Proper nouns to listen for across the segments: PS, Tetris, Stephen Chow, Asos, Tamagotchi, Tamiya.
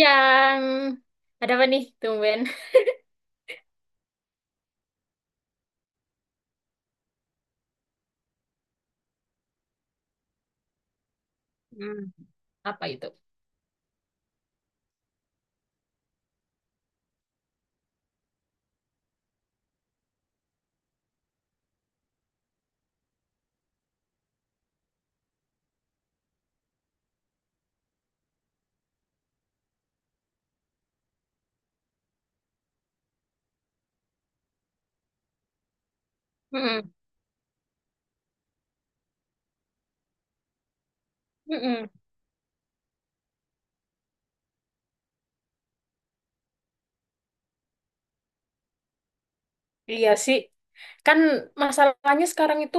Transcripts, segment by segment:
Yang ada apa nih, tumben? Apa itu? Mm-mm. Mm-mm. Iya sih. Kan masalahnya sekarang itu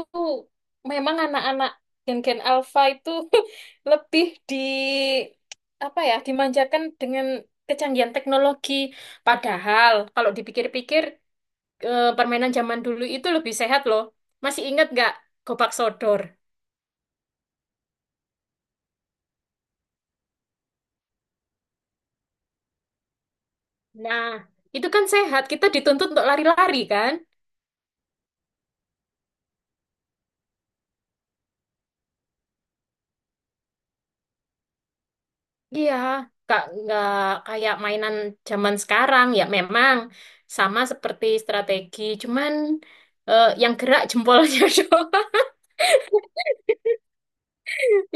memang anak-anak gen-gen alpha itu lebih di apa ya, dimanjakan dengan kecanggihan teknologi. Padahal kalau dipikir-pikir permainan zaman dulu itu lebih sehat loh. Masih ingat nggak gobak sodor? Nah, itu kan sehat. Kita dituntut untuk lari-lari kan? Iya, nggak kayak mainan zaman sekarang ya memang sama seperti strategi, cuman yang gerak jempolnya doang,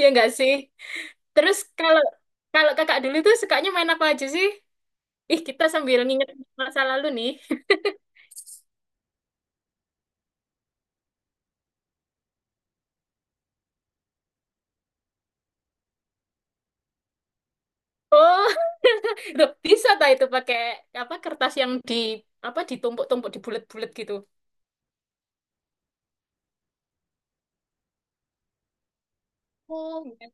ya nggak sih? Terus kalau kalau kakak dulu tuh sukanya main apa aja sih? Ih, kita sambil nginget masa lalu nih. Oh, loh, bisa tak itu pakai apa kertas yang di apa ditumpuk-tumpuk dibulet-bulet gitu. Oh, iya.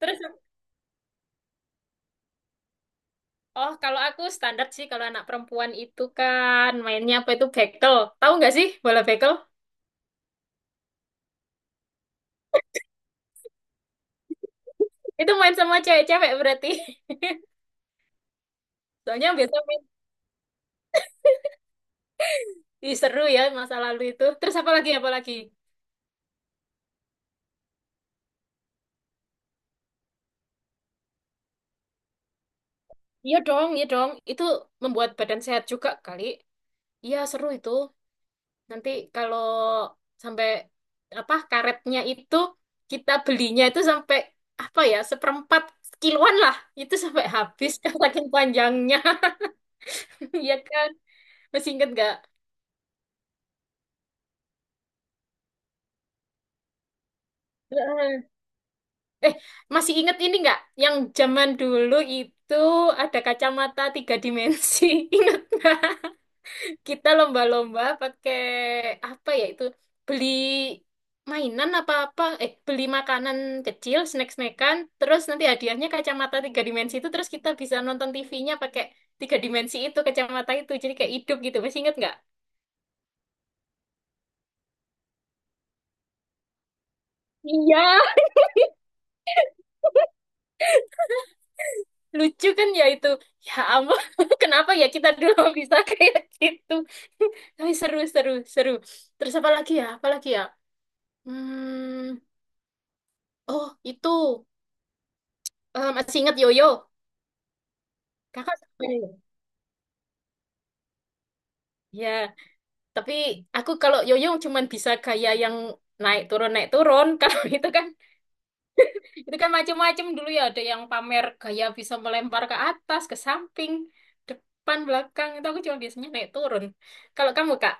Terus oh, kalau aku standar sih kalau anak perempuan itu kan mainnya apa itu bekel. Tahu nggak sih bola bekel? Itu main sama cewek-cewek berarti. Soalnya biasa main ih, seru ya masa lalu itu. Terus apa lagi apa lagi? Iya dong, iya dong. Itu membuat badan sehat juga kali. Iya seru itu. Nanti kalau sampai apa karetnya itu kita belinya itu sampai apa ya seperempat kiloan lah. Itu sampai habis saking panjangnya. Iya kan? Masih inget nggak? Heeh. Eh, Masih inget ini nggak? Yang zaman dulu itu ada kacamata tiga dimensi. Ingat nggak? Kita lomba-lomba pakai apa ya itu? Beli mainan apa-apa. Eh, beli makanan kecil, snack-snackan. Terus nanti hadiahnya kacamata tiga dimensi itu. Terus kita bisa nonton TV-nya pakai tiga dimensi itu, kacamata itu. Jadi kayak hidup gitu. Masih inget nggak? Iya. Lucu kan ya itu, ya ampun, kenapa ya kita dulu bisa kayak gitu. Tapi seru, seru, seru. Terus apa lagi ya, apa lagi ya, hmm, oh itu, masih ingat yoyo, kakak suka yoyo ya? Tapi aku kalau yoyo cuman bisa gaya yang naik turun naik turun. Kalau itu kan, itu kan macem-macem dulu ya, ada yang pamer gaya bisa melempar ke atas, ke samping, depan belakang. Itu aku cuma biasanya naik turun. Kalau kamu kak?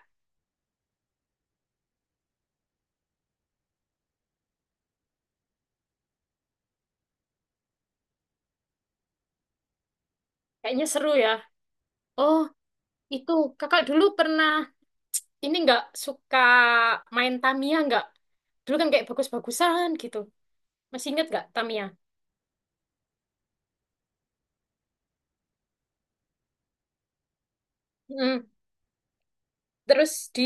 Kayaknya seru ya. Oh, itu kakak dulu pernah ini nggak, suka main Tamiya nggak? Dulu kan kayak bagus-bagusan gitu. Masih inget nggak Tamiya? Mm. Terus di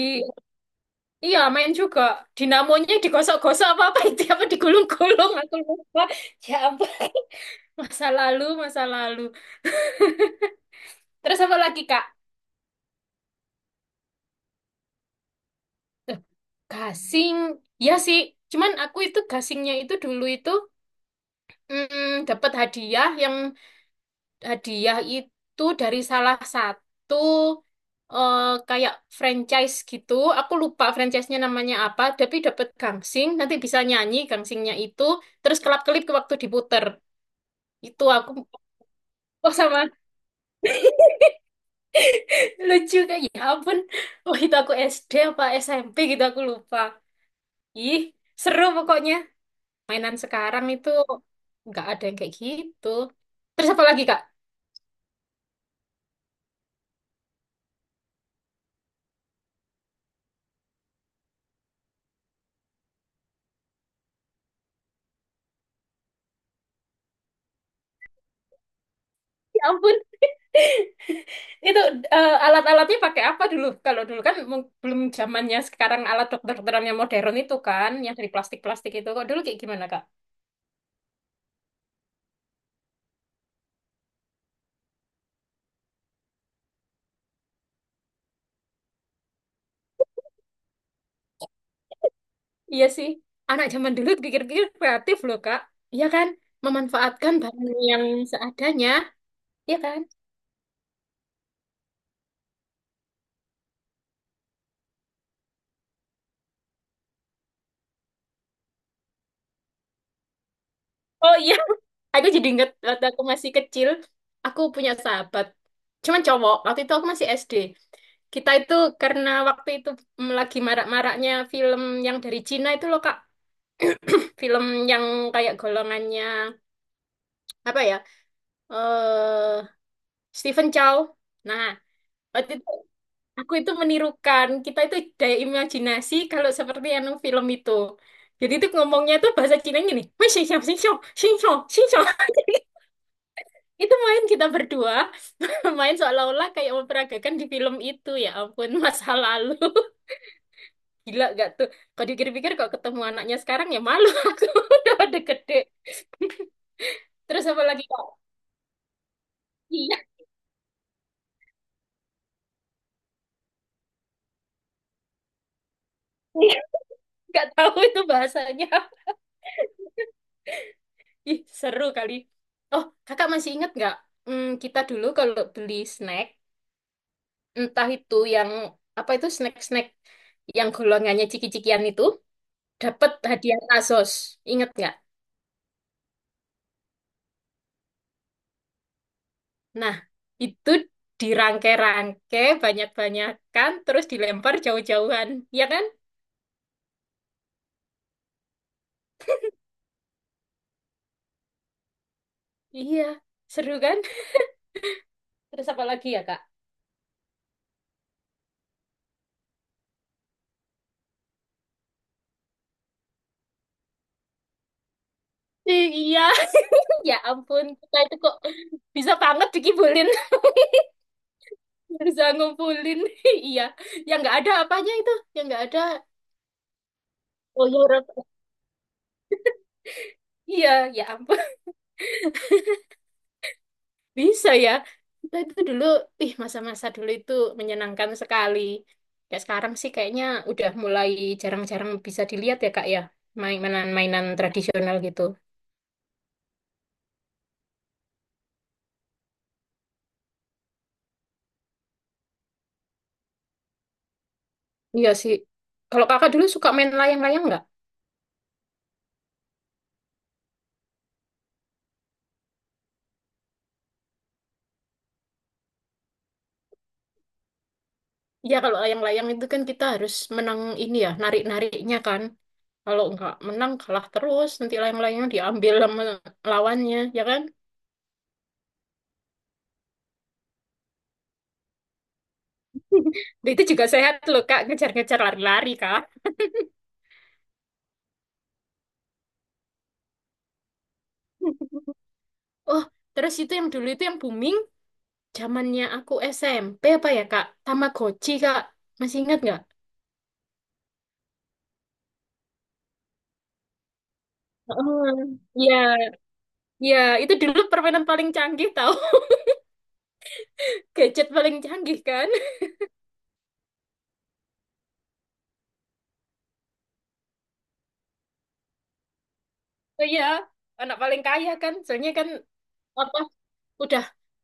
iya main juga, dinamonya digosok-gosok apa apa itu apa digulung-gulung aku lupa. Ya ampun. Masa lalu, masa lalu. Terus apa lagi, Kak? Eh, gasing. Ya sih, cuman aku itu gasingnya itu dulu itu dapat hadiah yang hadiah itu dari salah satu eh, kayak franchise gitu. Aku lupa franchise-nya namanya apa, tapi dapat gangsing, nanti bisa nyanyi gangsingnya itu, terus kelap-kelip ke waktu diputer. Itu aku oh sama. Lucu kayak ya ampun. Oh itu aku SD apa SMP gitu aku lupa. Ih, seru pokoknya. Mainan sekarang itu nggak ada yang kayak gitu. Terus apa lagi, Kak? Ya ampun. Itu alat-alatnya pakai apa dulu? Kalau dulu kan belum zamannya sekarang alat dokter-dokteran yang modern itu kan, yang dari plastik-plastik itu. Kok dulu kayak gimana, Kak? Iya sih, anak zaman dulu pikir-pikir kreatif loh, Kak. Iya kan? Memanfaatkan bahan yang seadanya, iya kan? Oh iya, aku jadi inget waktu aku masih kecil, aku punya sahabat. Cuman cowok, waktu itu aku masih SD. Kita itu karena waktu itu lagi marak-maraknya film yang dari Cina itu loh, Kak. Film yang kayak golongannya apa ya? eh Stephen Chow. Nah, waktu itu aku itu menirukan, kita itu daya imajinasi kalau seperti anu film itu. Jadi itu ngomongnya itu bahasa Cina gini, "Wei, xing xiao, xing xiao, xing xiao, xing xiao." Jadi itu main kita berdua, main seolah-olah kayak memperagakan di film itu. Ya ampun, masa lalu. Gila gak tuh? Kalau dipikir-pikir kok ketemu anaknya sekarang ya malu, aku, udah pada gede. Terus apa lagi kak? Iya. Nggak tahu itu bahasanya. Ih, seru kali. Oh, kakak masih ingat nggak? Hmm, kita dulu kalau beli snack, entah itu yang apa itu snack-snack yang golongannya ciki-cikian itu, dapat hadiah Asos. Ingat nggak? Nah, itu dirangke-rangke, banyak-banyakan, terus dilempar jauh-jauhan. Iya kan? Iya, seru kan? Terus apa lagi ya, Kak? Iya, ya ampun, kita itu kok bisa banget dikibulin. Bisa ngumpulin iya, yang nggak ada apanya itu, yang nggak ada. Oh ya Rob. Iya, ya ampun, bisa ya kita itu dulu. Ih, masa-masa dulu itu menyenangkan sekali, ya sekarang sih kayaknya udah mulai jarang-jarang bisa dilihat ya kak ya, mainan-mainan tradisional gitu. Iya sih. Kalau kakak dulu suka main layang-layang nggak? Iya kalau layang-layang itu kan kita harus menang ini ya, narik-nariknya kan. Kalau nggak menang kalah terus nanti layang-layangnya diambil sama lawannya ya kan. Itu juga sehat loh Kak, ngejar-ngejar lari-lari Kak. Oh, terus itu yang dulu itu yang booming, zamannya aku SMP apa ya Kak? Tamagotchi Kak, masih ingat nggak? Heeh. Ya, iya, itu dulu permainan paling canggih tau, gadget paling canggih kan? Oh iya, anak paling kaya kan, soalnya kan apa? Udah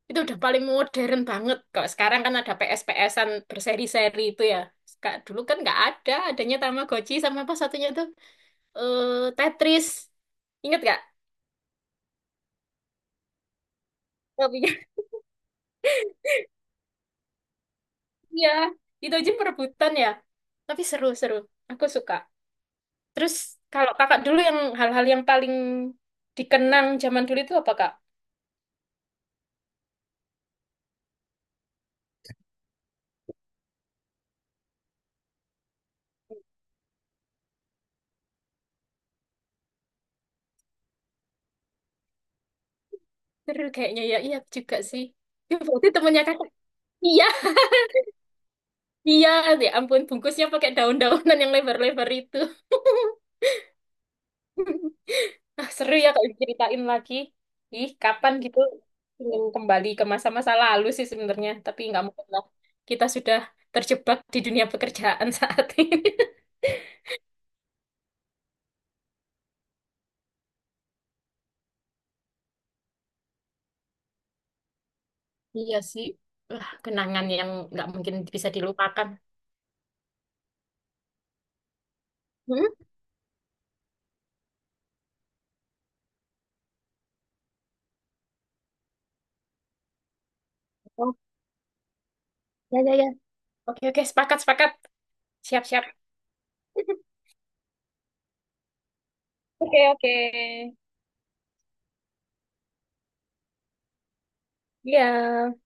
itu udah paling modern banget. Kalau sekarang kan ada PS-PSan berseri-seri itu ya. Kak, dulu kan nggak ada, adanya Tamagotchi sama apa satunya itu? Eh Tetris. Ingat gak? Tapi iya, itu aja perebutan ya. Tapi seru-seru. Aku suka. Terus kalau kakak dulu yang hal-hal yang paling dikenang zaman dulu itu apa kak? Seru kayaknya ya. Iya juga sih. Ya, berarti temennya kakak. Iya, iya. Ya ampun, bungkusnya pakai daun-daunan yang lebar-lebar itu. Ah, seru ya kalau diceritain lagi. Ih, kapan gitu ingin kembali ke masa-masa lalu sih sebenarnya. Tapi nggak mungkin lah. Kita sudah terjebak di dunia pekerjaan saat ini. Iya sih. Wah, kenangan yang nggak mungkin bisa dilupakan. Hmm? Oh, ya, ya, ya. Oke, oke. Sepakat, sepakat. Siap, siap. Oke, oke. Iya.